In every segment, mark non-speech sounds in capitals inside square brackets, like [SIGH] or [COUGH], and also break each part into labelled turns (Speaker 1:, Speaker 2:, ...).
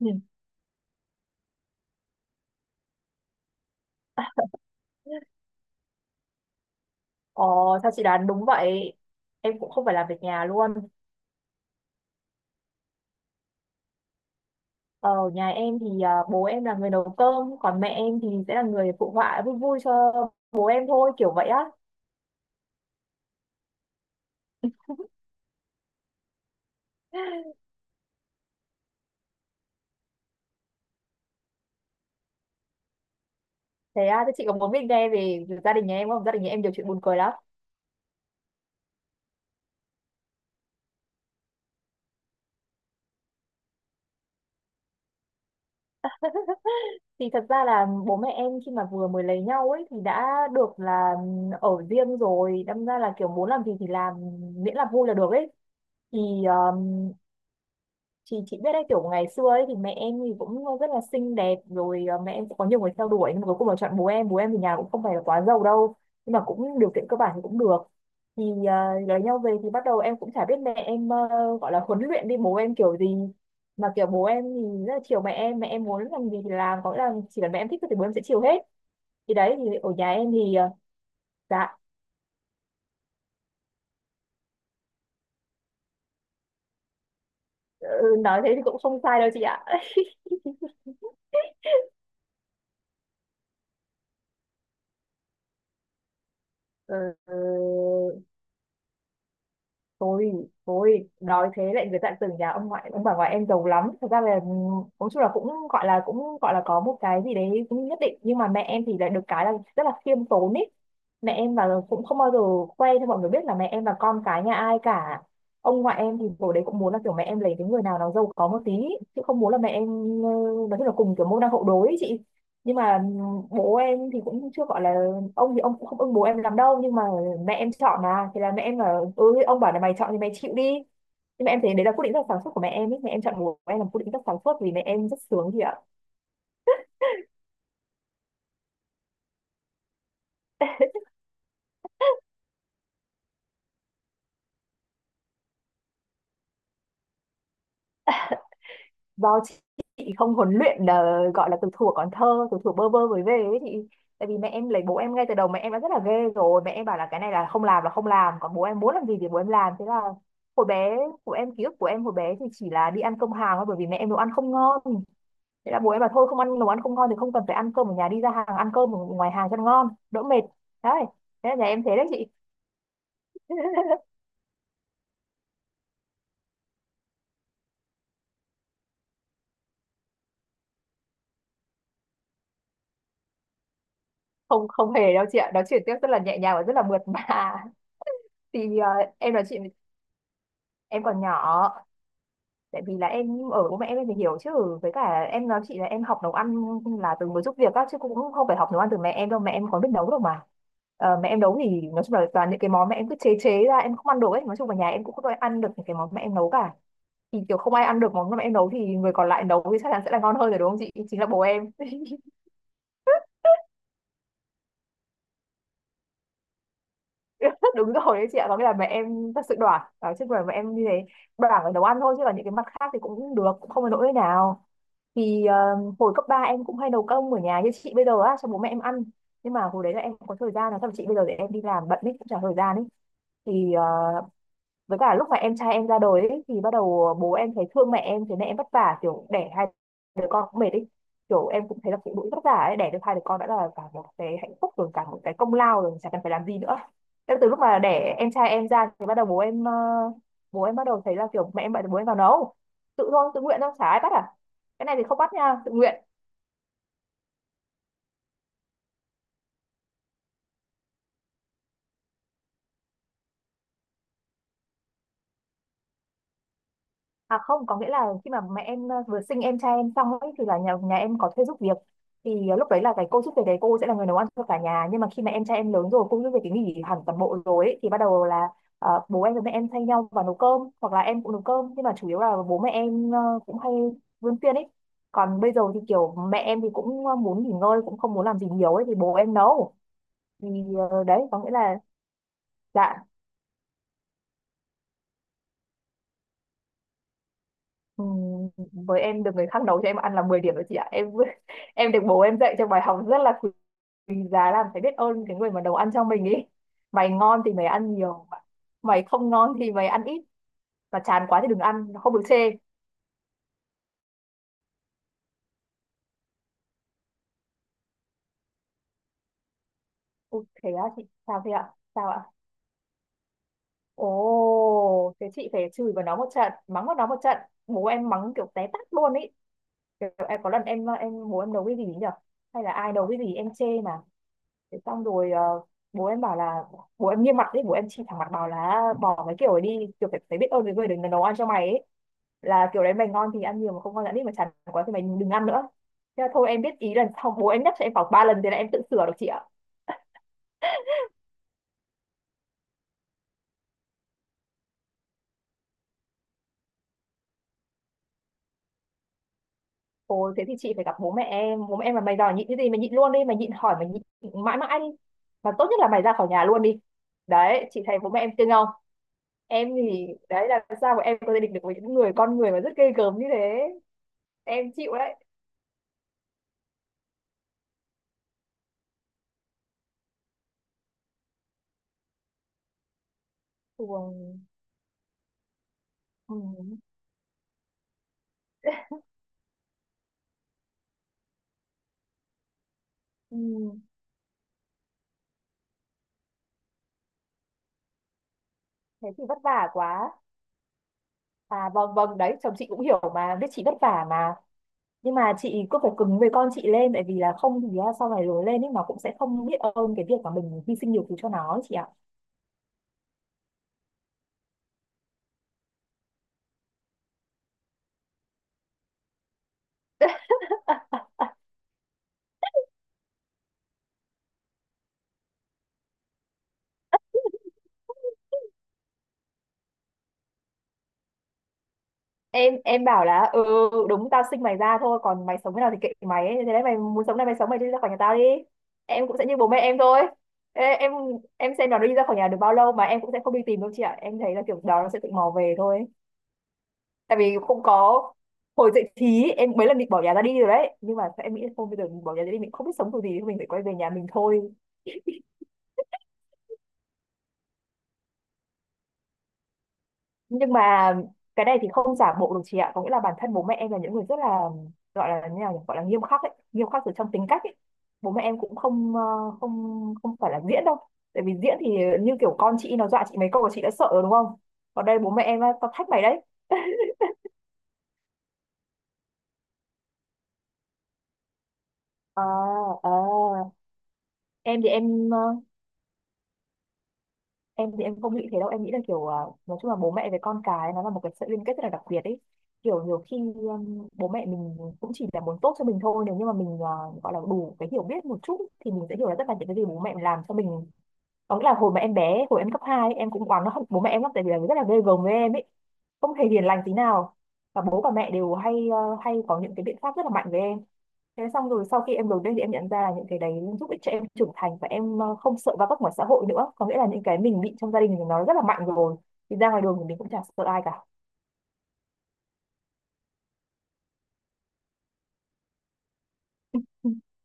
Speaker 1: Ừ. Ờ, sao chị đoán đúng vậy? Em cũng không phải làm việc nhà luôn. Ờ, ở nhà em thì bố em là người nấu cơm, còn mẹ em thì sẽ là người phụ họa vui vui cho bố em thôi, kiểu vậy á. Thế à, thế chị có muốn biết nghe về gia đình nhà em không? Gia đình nhà em nhiều chuyện buồn cười lắm. Thì thật ra là bố mẹ em khi mà vừa mới lấy nhau ấy thì đã được là ở riêng rồi, đâm ra là kiểu muốn làm gì thì làm, miễn là vui là được ấy. Thì Thì chị biết đấy, kiểu ngày xưa ấy thì mẹ em thì cũng rất là xinh đẹp rồi, mẹ em cũng có nhiều người theo đuổi nhưng mà cuối cùng là chọn bố em. Bố em thì nhà cũng không phải là quá giàu đâu nhưng mà cũng điều kiện cơ bản thì cũng được, thì lấy nhau về thì bắt đầu em cũng chả biết mẹ em gọi là huấn luyện đi bố em kiểu gì mà kiểu bố em thì rất là chiều mẹ em, mẹ em muốn làm gì thì làm, có nghĩa là chỉ cần mẹ em thích thôi thì bố em sẽ chiều hết. Thì đấy, thì ở nhà em thì ờ, dạ. Ừ, nói thế thì cũng không sai đâu chị ạ. [LAUGHS] Ừ, tôi tôi nói thế lại người ta tưởng nhà ông ngoại ông bà ngoại em giàu lắm, thật ra là ừ, nói chung là cũng gọi là có một cái gì đấy cũng nhất định, nhưng mà mẹ em thì lại được cái là rất là khiêm tốn ý. Mẹ em cũng không bao giờ khoe cho mọi người biết là mẹ em là con cái nhà ai cả. Ông ngoại em thì hồi đấy cũng muốn là kiểu mẹ em lấy cái người nào nó giàu có một tí ý, chứ không muốn là mẹ em ờ, nói chung là cùng kiểu môn đăng hộ đối ý chị. Nhưng mà bố em thì cũng chưa gọi là, ông thì ông cũng không ưng bố em lắm đâu, nhưng mà mẹ em chọn mà, thì là mẹ em là ừ, ông bảo là mày chọn thì mày chịu đi. Nhưng mà em thấy đấy là quyết định rất là sáng suốt của mẹ em ấy, mẹ em chọn bố em là một quyết định rất sáng suốt vì mẹ em rất sướng chị ạ. Do chị không huấn luyện, gọi là từ thuở còn thơ, từ thuở bơ vơ mới về ấy. Thì tại vì mẹ em lấy bố em ngay từ đầu mẹ em đã rất là ghê rồi, mẹ em bảo là cái này là không làm là không làm, còn bố em muốn làm gì thì bố em làm. Thế là hồi bé của em, ký ức của em hồi bé thì chỉ là đi ăn cơm hàng thôi, bởi vì mẹ em nấu ăn không ngon. Thế là bố em bảo thôi không ăn, nấu ăn không ngon thì không cần phải ăn cơm ở nhà, đi ra hàng ăn cơm ở ngoài hàng cho nó ngon đỡ mệt. Đấy, thế là nhà em thế đấy chị. [LAUGHS] Không không hề đâu chị ạ, nói chuyện tiếp rất là nhẹ nhàng và rất là mượt mà. [LAUGHS] Thì em nói chuyện em còn nhỏ, tại vì là em ở bố mẹ em thì hiểu chứ. Với cả em nói chị là em học nấu ăn là từ mới giúp việc á, chứ cũng không phải học nấu ăn từ mẹ em đâu, mẹ em còn biết nấu đâu mà. Ờ, mẹ em nấu thì nói chung là toàn những cái món mẹ em cứ chế chế ra em không ăn được ấy, nói chung là nhà em cũng không có ai ăn được những cái món mẹ em nấu cả. Thì kiểu không ai ăn được món mà em nấu thì người còn lại nấu thì chắc chắn sẽ là ngon hơn rồi đúng không chị, chính là bố em. [LAUGHS] Đúng rồi đấy chị ạ, có nghĩa là mẹ em thật sự đoản đó, chứ mà mẹ em như thế, đoản ở nấu ăn thôi chứ còn những cái mặt khác thì cũng được, cũng không có nỗi nào. Thì hồi cấp 3 em cũng hay nấu cơm ở nhà như chị bây giờ á cho bố mẹ em ăn, nhưng mà hồi đấy là em không có thời gian, là thậm chí bây giờ để em đi làm bận ấy cũng chả thời gian ấy. Thì với cả lúc mà em trai em ra đời ấy, thì bắt đầu bố em thấy thương mẹ em, thế mẹ em vất vả kiểu đẻ hai đứa con cũng mệt ấy, kiểu em cũng thấy là phụ nữ vất vả ấy, đẻ được hai đứa con đã là cả một cái hạnh phúc rồi, cả một cái công lao rồi, chả cần phải làm gì nữa. Em từ lúc mà đẻ em trai em ra thì bắt đầu bố em bắt đầu thấy là kiểu mẹ em bận, bố em vào nấu, tự thôi, tự nguyện thôi, chả ai bắt à, cái này thì không bắt nha, tự nguyện. À không, có nghĩa là khi mà mẹ em vừa sinh em trai em xong ấy thì là nhà nhà em có thuê giúp việc. Thì ờ, lúc đấy là cái cô giúp việc đấy cô sẽ là người nấu ăn cho cả nhà. Nhưng mà khi mà em trai em lớn rồi, cô giúp việc thì nghỉ hẳn toàn bộ rồi ấy, thì bắt đầu là bố em với mẹ em thay nhau vào nấu cơm, hoặc là em cũng nấu cơm. Nhưng mà chủ yếu là bố mẹ em cũng hay vươn phiên ấy. Còn bây giờ thì kiểu mẹ em thì cũng muốn nghỉ ngơi, cũng không muốn làm gì nhiều ấy thì bố em nấu. Thì đấy có nghĩa là, dạ. Ừ, với em được người khác nấu cho em ăn là 10 điểm rồi chị ạ. Em [LAUGHS] em được bố em dạy cho bài học rất là quý giá, làm phải biết ơn cái người mà nấu ăn cho mình ý. Mày ngon thì mày ăn nhiều, mày không ngon thì mày ăn ít, mà chán quá thì đừng ăn, không được chê. Ôi, thế á chị, sao thế ạ, sao ạ? Ồ thế chị phải chửi vào nó một trận, mắng vào nó một trận. Bố em mắng kiểu té tát luôn ý, kiểu em có lần em bố em nấu cái gì nhỉ, hay là ai nấu cái gì em chê mà. Thế xong rồi bố em bảo là, bố em nghiêm mặt đấy, bố em chỉ thẳng mặt bảo là bỏ cái kiểu ấy đi, kiểu phải biết ơn cái người đừng nấu ăn cho mày ấy, là kiểu đấy mày ngon thì ăn nhiều, mà không ngon thì ăn ít, mà chán quá thì mày đừng ăn nữa. Thế là thôi em biết ý, lần sau bố em nhắc cho em khoảng ba lần thế là em tự sửa được chị ạ. Ồ thế thì chị phải gặp bố mẹ em, bố mẹ em là mày đòi nhịn cái gì mày nhịn luôn đi, mày nhịn hỏi mày nhịn mãi mãi đi, mà tốt nhất là mày ra khỏi nhà luôn đi. Đấy chị thấy bố mẹ em cưng không, em thì đấy là sao mà em có thể địch được với những người con người mà rất ghê gớm như thế, em chịu đấy. Tuồng. Ừ. Ừ. Thế thì vất vả quá. À vâng vâng, đấy chồng chị cũng hiểu mà, biết chị vất vả mà. Nhưng mà chị cứ phải cứng với con chị lên, tại vì là không thì á, sau này lớn lên ấy nó cũng sẽ không biết ơn cái việc mà mình hy sinh nhiều thứ cho nó ấy chị ạ. Em bảo là ừ, đúng tao sinh mày ra thôi, còn mày sống thế nào thì kệ mày ấy. Thế đấy, mày muốn sống này mày sống, mày đi ra khỏi nhà tao đi. Em cũng sẽ như bố mẹ em thôi. Ê, em xem nó đi ra khỏi nhà được bao lâu, mà em cũng sẽ không đi tìm đâu chị ạ. Em thấy là kiểu đó nó sẽ tự mò về thôi. Tại vì không có, hồi dậy thì em mấy lần định bỏ nhà ra đi rồi đấy, nhưng mà em nghĩ là không, bây giờ mình bỏ nhà ra đi mình không biết sống kiểu gì, thôi mình phải quay về nhà mình thôi. Nhưng mà cái này thì không giả bộ được chị ạ, có nghĩa là bản thân bố mẹ em là những người rất là, gọi là như nào nhỉ? Gọi là nghiêm khắc ấy, nghiêm khắc từ trong tính cách ấy. Bố mẹ em cũng không không không phải là diễn đâu. Tại vì diễn thì như kiểu con chị nó dọa chị mấy câu là chị đã sợ rồi đúng không, còn đây bố mẹ em á, tao thách mày đấy. [LAUGHS] À, à. em thì em ờ, em thì em không nghĩ thế đâu, em nghĩ là kiểu à, nói chung là bố mẹ với con cái nó là một cái sợi liên kết rất là đặc biệt ấy. Kiểu nhiều khi bố mẹ mình cũng chỉ là muốn tốt cho mình thôi, nếu như mà mình à, gọi là đủ cái hiểu biết một chút thì mình sẽ hiểu là tất cả những cái gì bố mẹ làm cho mình. Có nghĩa là hồi mà em bé, hồi em cấp 2 ấy, em cũng oán nó bố mẹ em lắm, tại vì là rất là ghê gớm với em ấy, không hề hiền lành tí nào. Và bố và mẹ đều hay hay có những cái biện pháp rất là mạnh với em. Thế xong rồi sau khi em đổi đây thì em nhận ra là những cái đấy giúp ích cho em trưởng thành, và em không sợ va vấp ngoài xã hội nữa. Có nghĩa là những cái mình bị trong gia đình thì nó rất là mạnh rồi. Thì ra ngoài đường thì mình cũng chả sợ ai cả. [LAUGHS]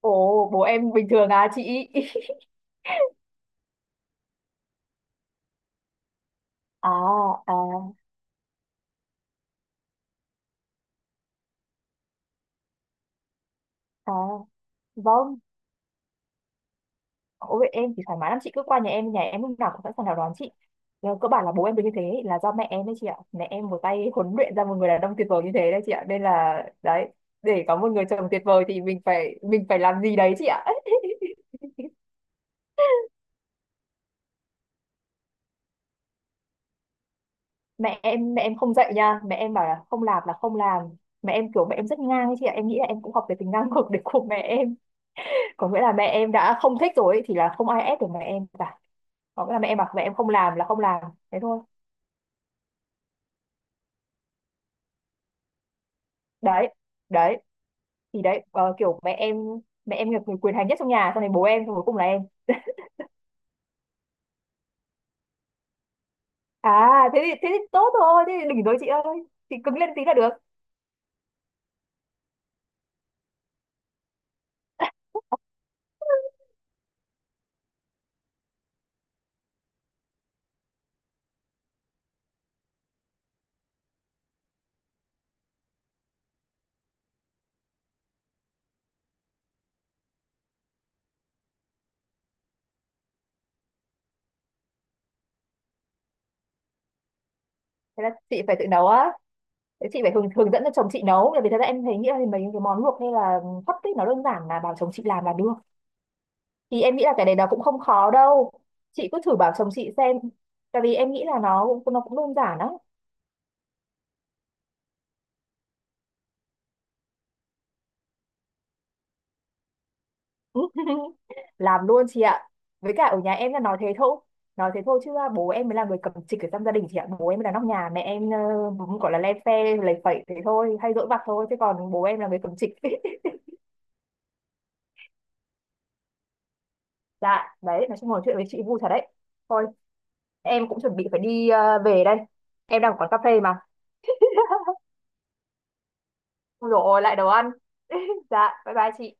Speaker 1: Ồ, bố em bình thường à chị? [LAUGHS] À, à, à, vâng. Ôi, em thì thoải mái lắm, chị cứ qua nhà em lúc nào cũng sẵn sàng chào đón chị. Nhưng cơ bản là bố em được như thế là do mẹ em đấy chị ạ. Mẹ em một tay huấn luyện ra một người đàn ông tuyệt vời như thế đấy chị ạ. Nên là đấy, để có một người chồng tuyệt vời thì mình phải làm gì đấy chị ạ. Mẹ em không dạy nha, mẹ em bảo là không làm là không làm. Mẹ em kiểu mẹ em rất ngang ấy chị ạ, em nghĩ là em cũng học cái tính ngang ngược đấy của mẹ em. Có nghĩa là mẹ em đã không thích rồi ấy, thì là không ai ép được mẹ em cả. Có nghĩa là mẹ em bảo mẹ em không làm là không làm, thế thôi. Đấy, đấy, thì đấy kiểu mẹ em, mẹ em là người quyền hành nhất trong nhà, xong này bố em, xong cuối cùng là em. À thế thì tốt thôi, thế thì đỉnh rồi chị ơi. Chị cứng lên tí là được. Thế là chị phải tự nấu á. Thế chị phải hướng dẫn cho chồng chị nấu, bởi vì thật ra em thấy nghĩ là mấy cái món luộc hay là hấp ấy, nó đơn giản là bảo chồng chị làm là được. Thì em nghĩ là cái đấy nó cũng không khó đâu, chị cứ thử bảo chồng chị xem. Tại vì em nghĩ là nó cũng đơn giản lắm. [LAUGHS] Làm luôn chị ạ, với cả ở nhà em là nói thế thôi. Nói thế thôi chứ à, bố em mới là người cầm trịch ở trong gia đình chị ạ, bố em mới là nóc nhà. Mẹ em cũng gọi là le phe lầy phẩy thế thôi, hay dỗi vặt thôi, chứ còn bố em là người cầm trịch. [LAUGHS] Dạ đấy, nói chung ngồi chuyện với chị vui thật đấy. Thôi em cũng chuẩn bị phải đi về đây, em đang ở quán cà phê mà. [LAUGHS] Rồi lại đồ ăn. [LAUGHS] Dạ bye bye chị.